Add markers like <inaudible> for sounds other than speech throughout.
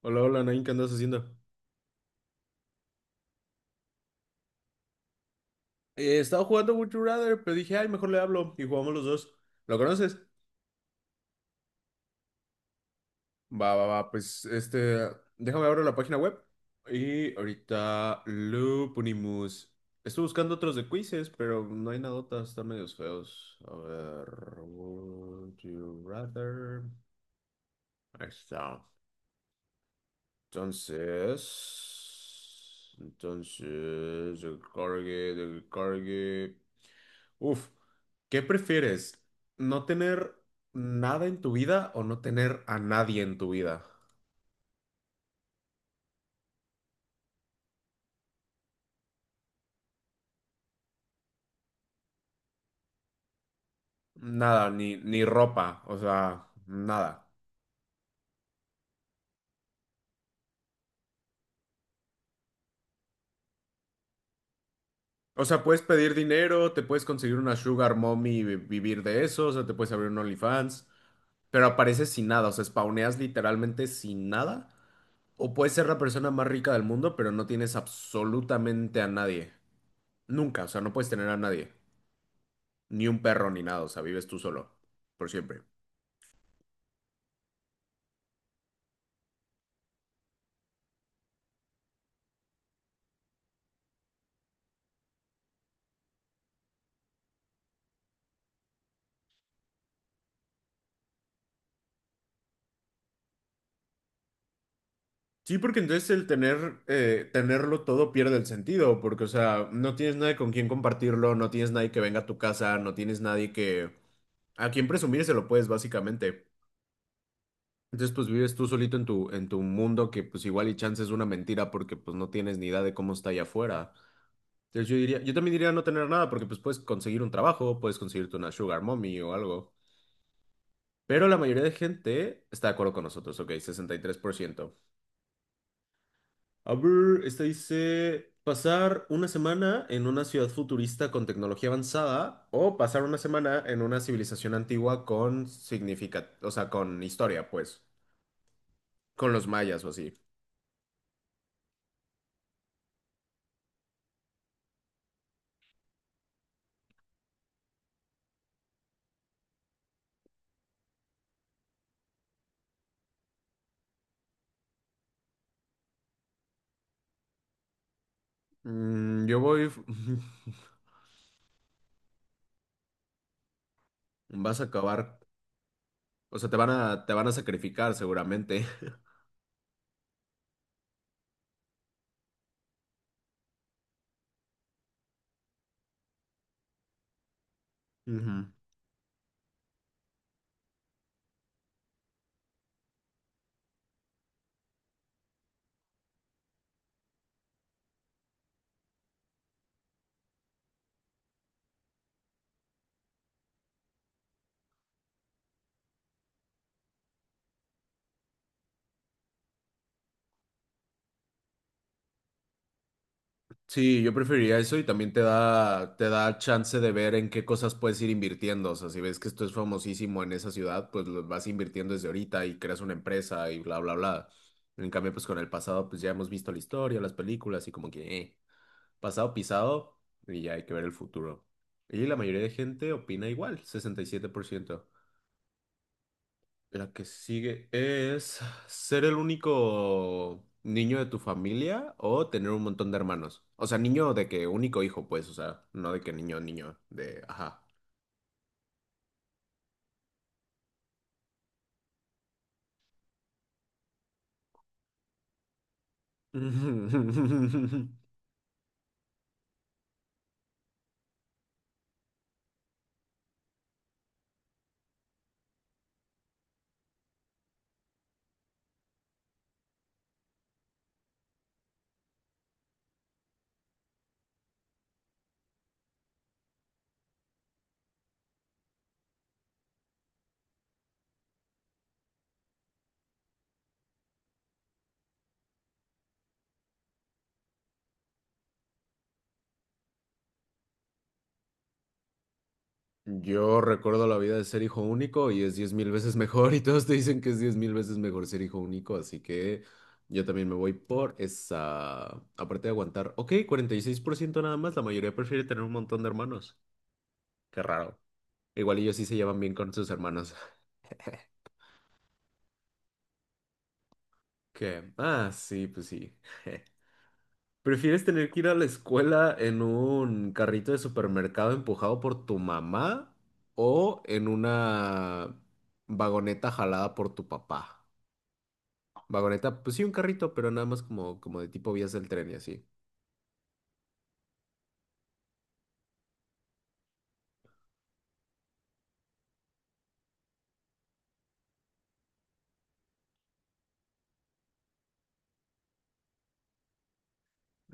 Hola, hola, Nain, ¿qué andas haciendo? Estaba jugando Would You Rather, pero dije, ay, mejor le hablo y jugamos los dos. ¿Lo conoces? Va, va, va, pues este, déjame abrir la página web y ahorita lo ponemos. Estoy buscando otros de quizzes, pero no hay nada, están medios feos. A ver, Would You Rather. Ahí está. Entonces, el cargue. Uf, ¿qué prefieres? ¿No tener nada en tu vida o no tener a nadie en tu vida? Nada, ni ropa, o sea, nada. O sea, puedes pedir dinero, te puedes conseguir una sugar mommy y vivir de eso, o sea, te puedes abrir un OnlyFans, pero apareces sin nada, o sea, spawneas literalmente sin nada. O puedes ser la persona más rica del mundo, pero no tienes absolutamente a nadie. Nunca, o sea, no puedes tener a nadie. Ni un perro, ni nada, o sea, vives tú solo. Por siempre. Sí, porque entonces el tener, tenerlo todo pierde el sentido, porque, o sea, no tienes nadie con quien compartirlo, no tienes nadie que venga a tu casa, no tienes nadie que... a quien presumir se lo puedes, básicamente. Entonces, pues vives tú solito en tu mundo que, pues igual y chance es una mentira porque, pues no tienes ni idea de cómo está allá afuera. Entonces yo diría, yo también diría no tener nada porque pues puedes conseguir un trabajo, puedes conseguirte una sugar mommy o algo. Pero la mayoría de gente está de acuerdo con nosotros, ok, 63%. A ver, esta dice, pasar una semana en una ciudad futurista con tecnología avanzada o pasar una semana en una civilización antigua con significa, o sea, con historia, pues, con los mayas o así. Mm, yo voy, <laughs> vas a acabar, o sea, te van a sacrificar seguramente. <laughs> Ujú. Sí, yo preferiría eso y también te da chance de ver en qué cosas puedes ir invirtiendo. O sea, si ves que esto es famosísimo en esa ciudad, pues lo vas invirtiendo desde ahorita y creas una empresa y bla, bla, bla. En cambio, pues con el pasado, pues ya hemos visto la historia, las películas y como que, pasado pisado y ya hay que ver el futuro. Y la mayoría de gente opina igual, 67%. La que sigue es ser el único niño de tu familia o tener un montón de hermanos. O sea, niño de que único hijo, pues, o sea, no de que niño, niño, de, ajá. <laughs> Yo recuerdo la vida de ser hijo único y es 10,000 veces mejor y todos te dicen que es 10,000 veces mejor ser hijo único, así que yo también me voy por esa, aparte de aguantar, ok, 46% nada más, la mayoría prefiere tener un montón de hermanos. Qué raro. Igual ellos sí se llevan bien con sus hermanos. <laughs> ¿Qué? Ah, sí, pues sí. <laughs> ¿Prefieres tener que ir a la escuela en un carrito de supermercado empujado por tu mamá o en una vagoneta jalada por tu papá? Vagoneta, pues sí, un carrito, pero nada más como, como de tipo vías del tren y así.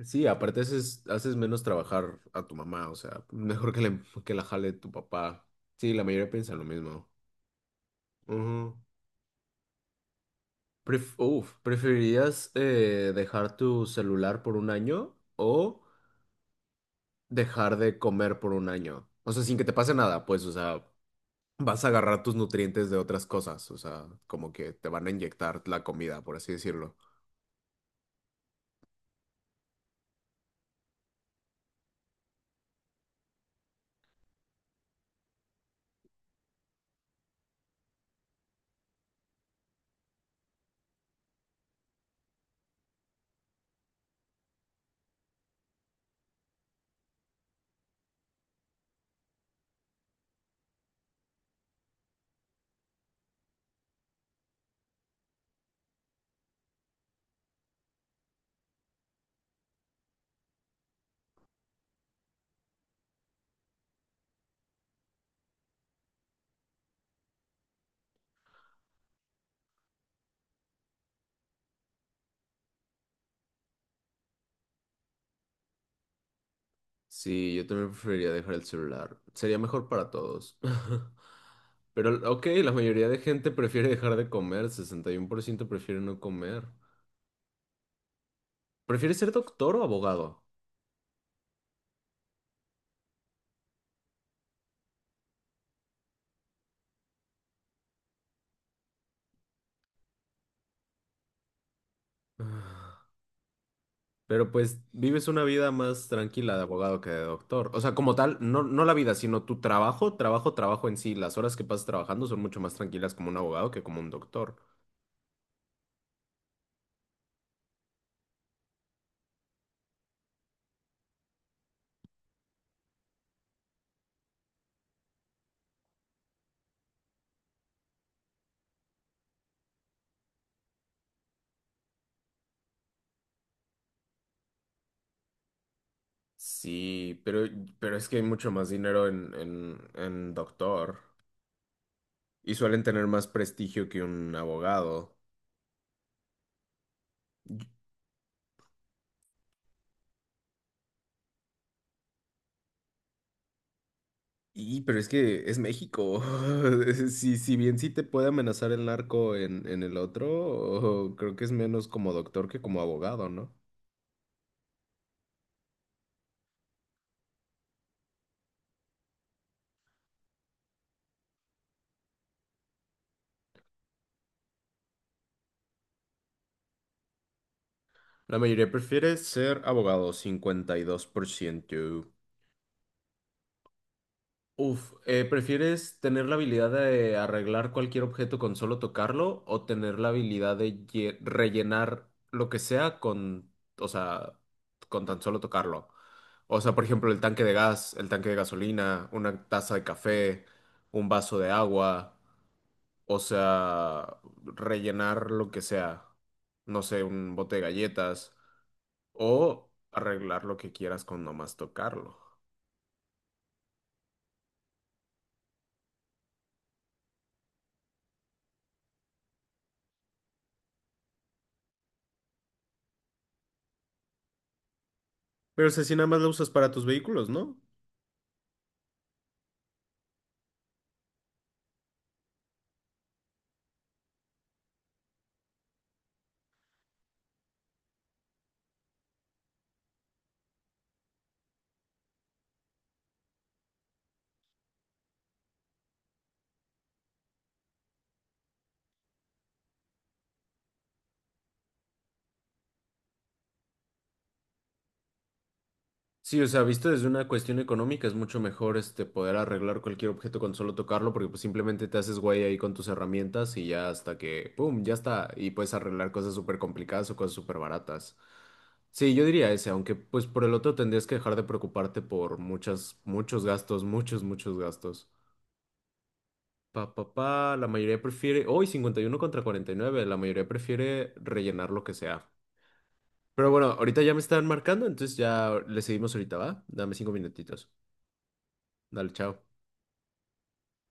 Sí, aparte haces menos trabajar a tu mamá, o sea, <laughs> mejor que, le- que la jale tu papá. Sí, la mayoría piensa lo mismo. Ujú. Uf, ¿preferirías dejar tu celular por un año o dejar de comer por un año? O sea, sin que te pase nada, pues, o sea, vas a agarrar tus nutrientes de otras cosas. O sea, como que te van a inyectar la comida, por así decirlo. Sí, yo también preferiría dejar el celular. Sería mejor para todos. <laughs> Pero, ok, la mayoría de gente prefiere dejar de comer. 61% prefiere no comer. ¿Prefiere ser doctor o abogado? Pero pues vives una vida más tranquila de abogado que de doctor. O sea, como tal, no, no la vida, sino tu trabajo, trabajo, trabajo en sí. Las horas que pasas trabajando son mucho más tranquilas como un abogado que como un doctor. Sí, pero es que hay mucho más dinero en, en doctor y suelen tener más prestigio que un abogado. Pero es que es México. <laughs> Si bien sí te puede amenazar el narco en, el otro, creo que es menos como doctor que como abogado, ¿no? La mayoría prefiere ser abogado, 52%. Uf, ¿prefieres tener la habilidad de arreglar cualquier objeto con solo tocarlo o tener la habilidad de rellenar lo que sea con, o sea, con tan solo tocarlo? O sea, por ejemplo, el tanque de gas, el tanque de gasolina, una taza de café, un vaso de agua, o sea, rellenar lo que sea, no sé, un bote de galletas. O arreglar lo que quieras con nomás tocarlo. Pero o sea, si nada más lo usas para tus vehículos, ¿no? Sí, o sea, visto desde una cuestión económica, es mucho mejor este poder arreglar cualquier objeto con solo tocarlo, porque pues simplemente te haces güey ahí con tus herramientas y ya hasta que, ¡pum!, ya está. Y puedes arreglar cosas súper complicadas o cosas súper baratas. Sí, yo diría ese, aunque pues por el otro tendrías que dejar de preocuparte por muchas, muchos gastos, muchos, muchos gastos. Pa, pa, pa, la mayoría prefiere, hoy 51 contra 49 la mayoría prefiere rellenar lo que sea. Pero bueno, ahorita ya me están marcando, entonces ya le seguimos ahorita, ¿va? Dame 5 minutitos. Dale, chao.